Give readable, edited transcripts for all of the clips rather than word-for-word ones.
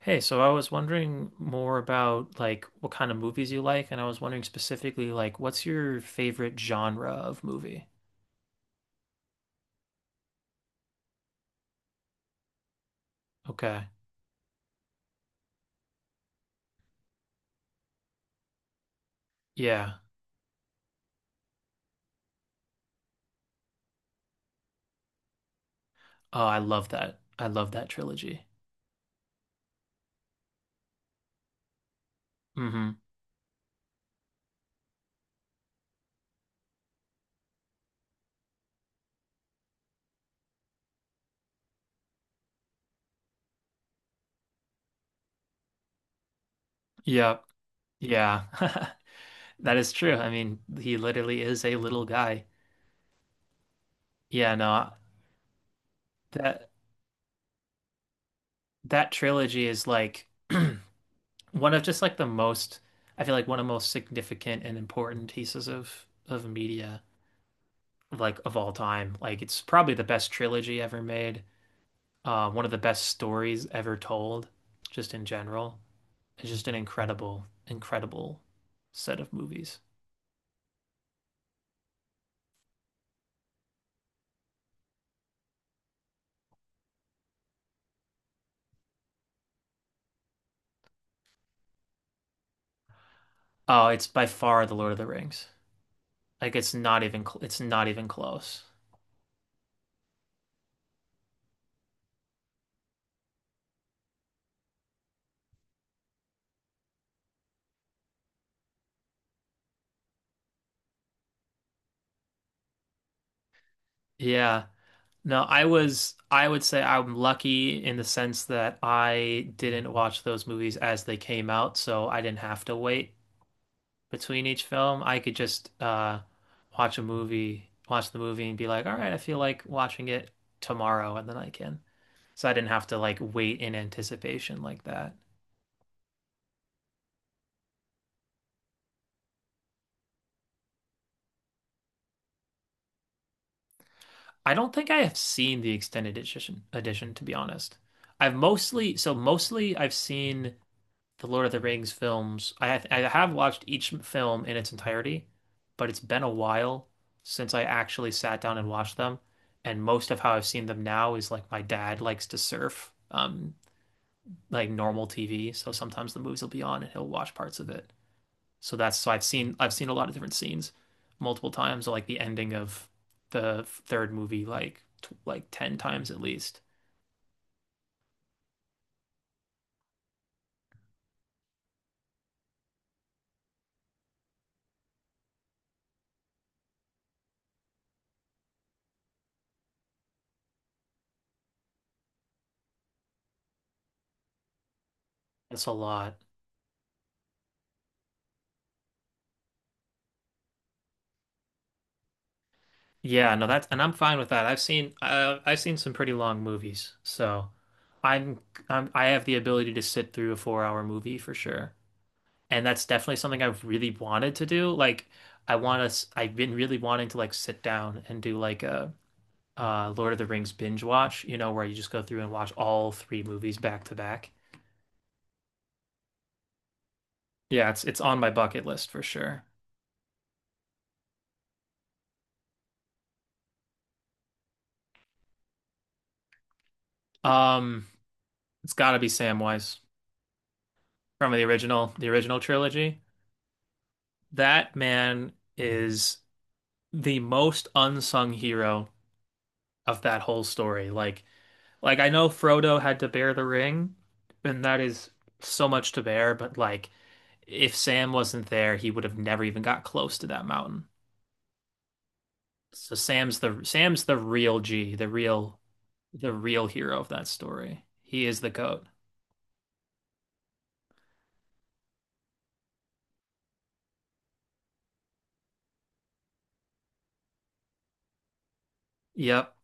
Hey, so I was wondering more about like what kind of movies you like, and I was wondering specifically like what's your favorite genre of movie? Okay. Yeah. Oh, I love that. I love that trilogy. Mm-hmm. Yep. Yeah. That is true. I mean, he literally is a little guy. Yeah, no, that that trilogy is like one of just like the most, I feel like one of the most significant and important pieces of media, like of all time. Like it's probably the best trilogy ever made, one of the best stories ever told, just in general. It's just an incredible, incredible set of movies. Oh, it's by far The Lord of the Rings. Like it's not even cl it's not even close. Yeah. No, I was, I would say I'm lucky in the sense that I didn't watch those movies as they came out, so I didn't have to wait between each film. I could just watch a movie, watch the movie, and be like, all right, I feel like watching it tomorrow, and then I can. So I didn't have to like wait in anticipation like that. I don't think I have seen the extended edition, to be honest. I've mostly, so mostly I've seen the Lord of the Rings films. I have watched each film in its entirety, but it's been a while since I actually sat down and watched them, and most of how I've seen them now is like my dad likes to surf. Like normal TV, so sometimes the movies will be on and he'll watch parts of it. So that's, so I've seen a lot of different scenes multiple times, like the ending of the third movie, like t like 10 times at least. That's a lot. Yeah, no, that's, and I'm fine with that. I've seen some pretty long movies, so I'm, I have the ability to sit through a four-hour movie for sure, and that's definitely something I've really wanted to do. Like I've been really wanting to like sit down and do like a Lord of the Rings binge watch, you know, where you just go through and watch all three movies back to back. Yeah, it's on my bucket list for sure. Um, it's gotta be Samwise from the original trilogy. That man is the most unsung hero of that whole story. Like I know Frodo had to bear the ring, and that is so much to bear, but like if Sam wasn't there, he would have never even got close to that mountain. So Sam's the real G, the real hero of that story. He is the goat. Yep.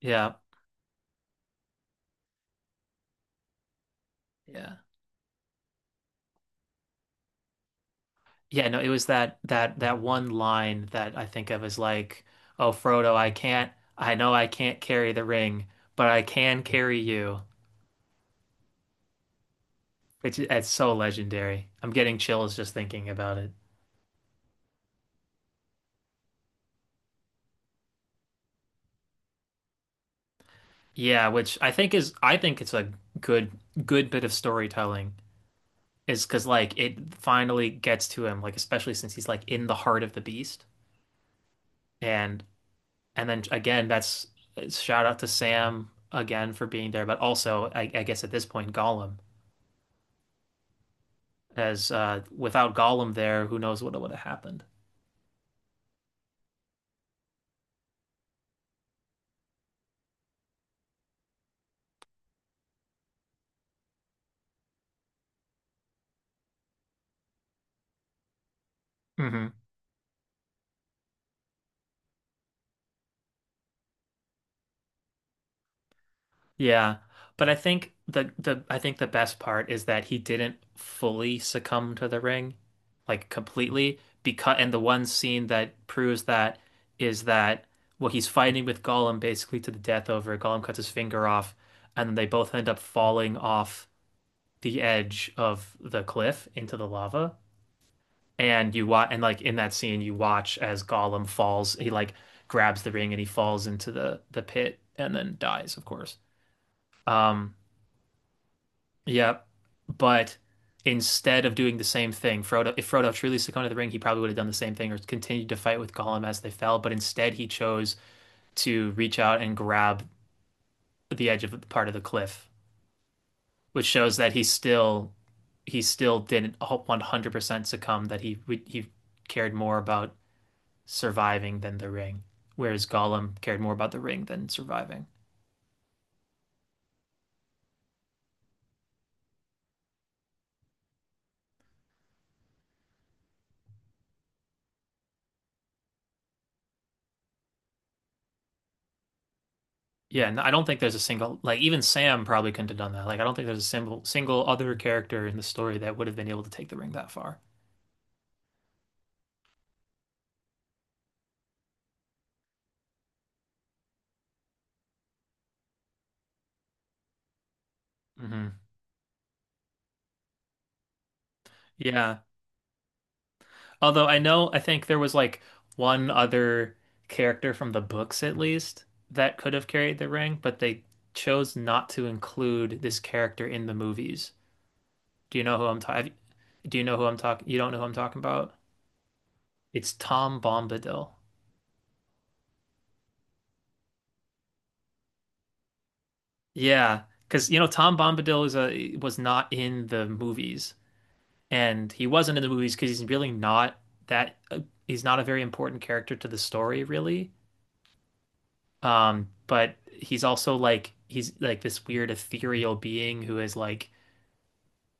Yeah. Yeah. Yeah, no, it was that that one line that I think of, as like, "Oh Frodo, I know I can't carry the ring, but I can carry you." Which is- it's so legendary. I'm getting chills just thinking about it. Yeah, which I think it's a good good bit of storytelling. Is because like it finally gets to him, like especially since he's like in the heart of the beast. And And then again, that's shout out to Sam again for being there, but also I guess at this point Gollum, as without Gollum there, who knows what would have happened. Hmm. Yeah, but I think the I think the best part is that he didn't fully succumb to the ring, like completely. Because, and the one scene that proves that is that, well, he's fighting with Gollum basically to the death over. Gollum cuts his finger off, and then they both end up falling off the edge of the cliff into the lava. And you watch, and like in that scene, you watch as Gollum falls. He like grabs the ring and he falls into the pit and then dies, of course. Um, yeah, but instead of doing the same thing, Frodo, if Frodo truly succumbed to the ring, he probably would have done the same thing or continued to fight with Gollum as they fell. But instead, he chose to reach out and grab the edge of the part of the cliff, which shows that he still, he still didn't 100% succumb, that he cared more about surviving than the ring, whereas Gollum cared more about the ring than surviving. Yeah, and I don't think there's a single, like even Sam probably couldn't have done that. Like I don't think there's a single other character in the story that would have been able to take the ring that far. Hmm. Yeah, although I know I think there was like one other character from the books at least that could have carried the ring, but they chose not to include this character in the movies. Do you know who I'm talking? Do you know who I'm talking? You don't know who I'm talking about? It's Tom Bombadil. Yeah, because you know Tom Bombadil is a, was not in the movies, and he wasn't in the movies because he's really not that. He's not a very important character to the story, really. But he's also like, he's like this weird ethereal being who is like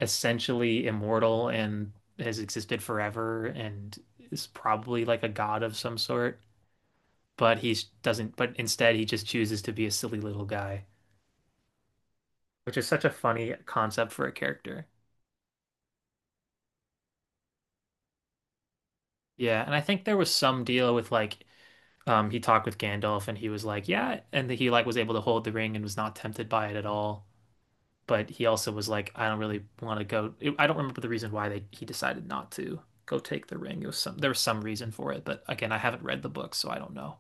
essentially immortal and has existed forever and is probably like a god of some sort. But he doesn't. But instead, he just chooses to be a silly little guy, which is such a funny concept for a character. Yeah, and I think there was some deal with like he talked with Gandalf, and he was like, yeah, and he like was able to hold the ring and was not tempted by it at all. But he also was like, I don't really want to go. I don't remember the reason why they he decided not to go take the ring. It was some, there was some reason for it, but again, I haven't read the book, so I don't know.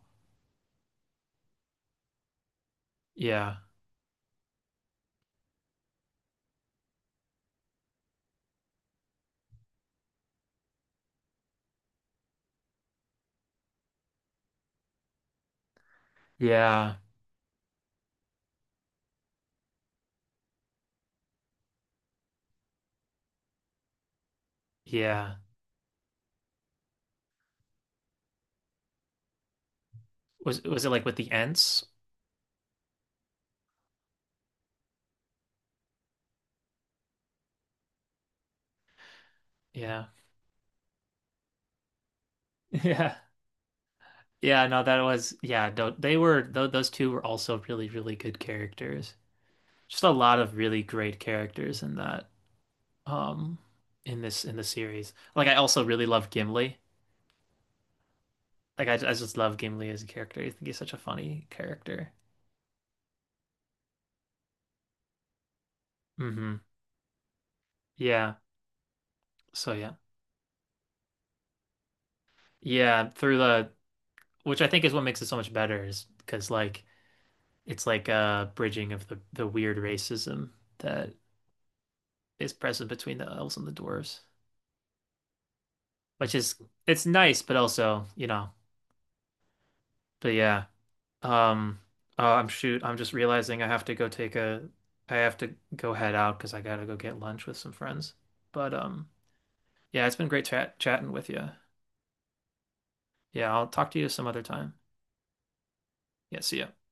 Yeah, yeah, yeah. Was it like with the Ents? Yeah, yeah. Yeah, no, that was, yeah, they were those two were also really, really good characters. Just a lot of really great characters in that um in this, in the series. Like I also really love Gimli. Like I just love Gimli as a character. I think he's such a funny character. Hmm. Yeah. So yeah. Yeah, through the, which I think is what makes it so much better is because like it's like a bridging of the weird racism that is present between the elves and the dwarves, which is, it's nice, but also, you know. But yeah, um, oh, I'm, shoot. I'm just realizing I have to go take a, I have to go head out because I gotta go get lunch with some friends. But yeah, it's been great chatting with you. Yeah, I'll talk to you some other time. Yeah, see ya.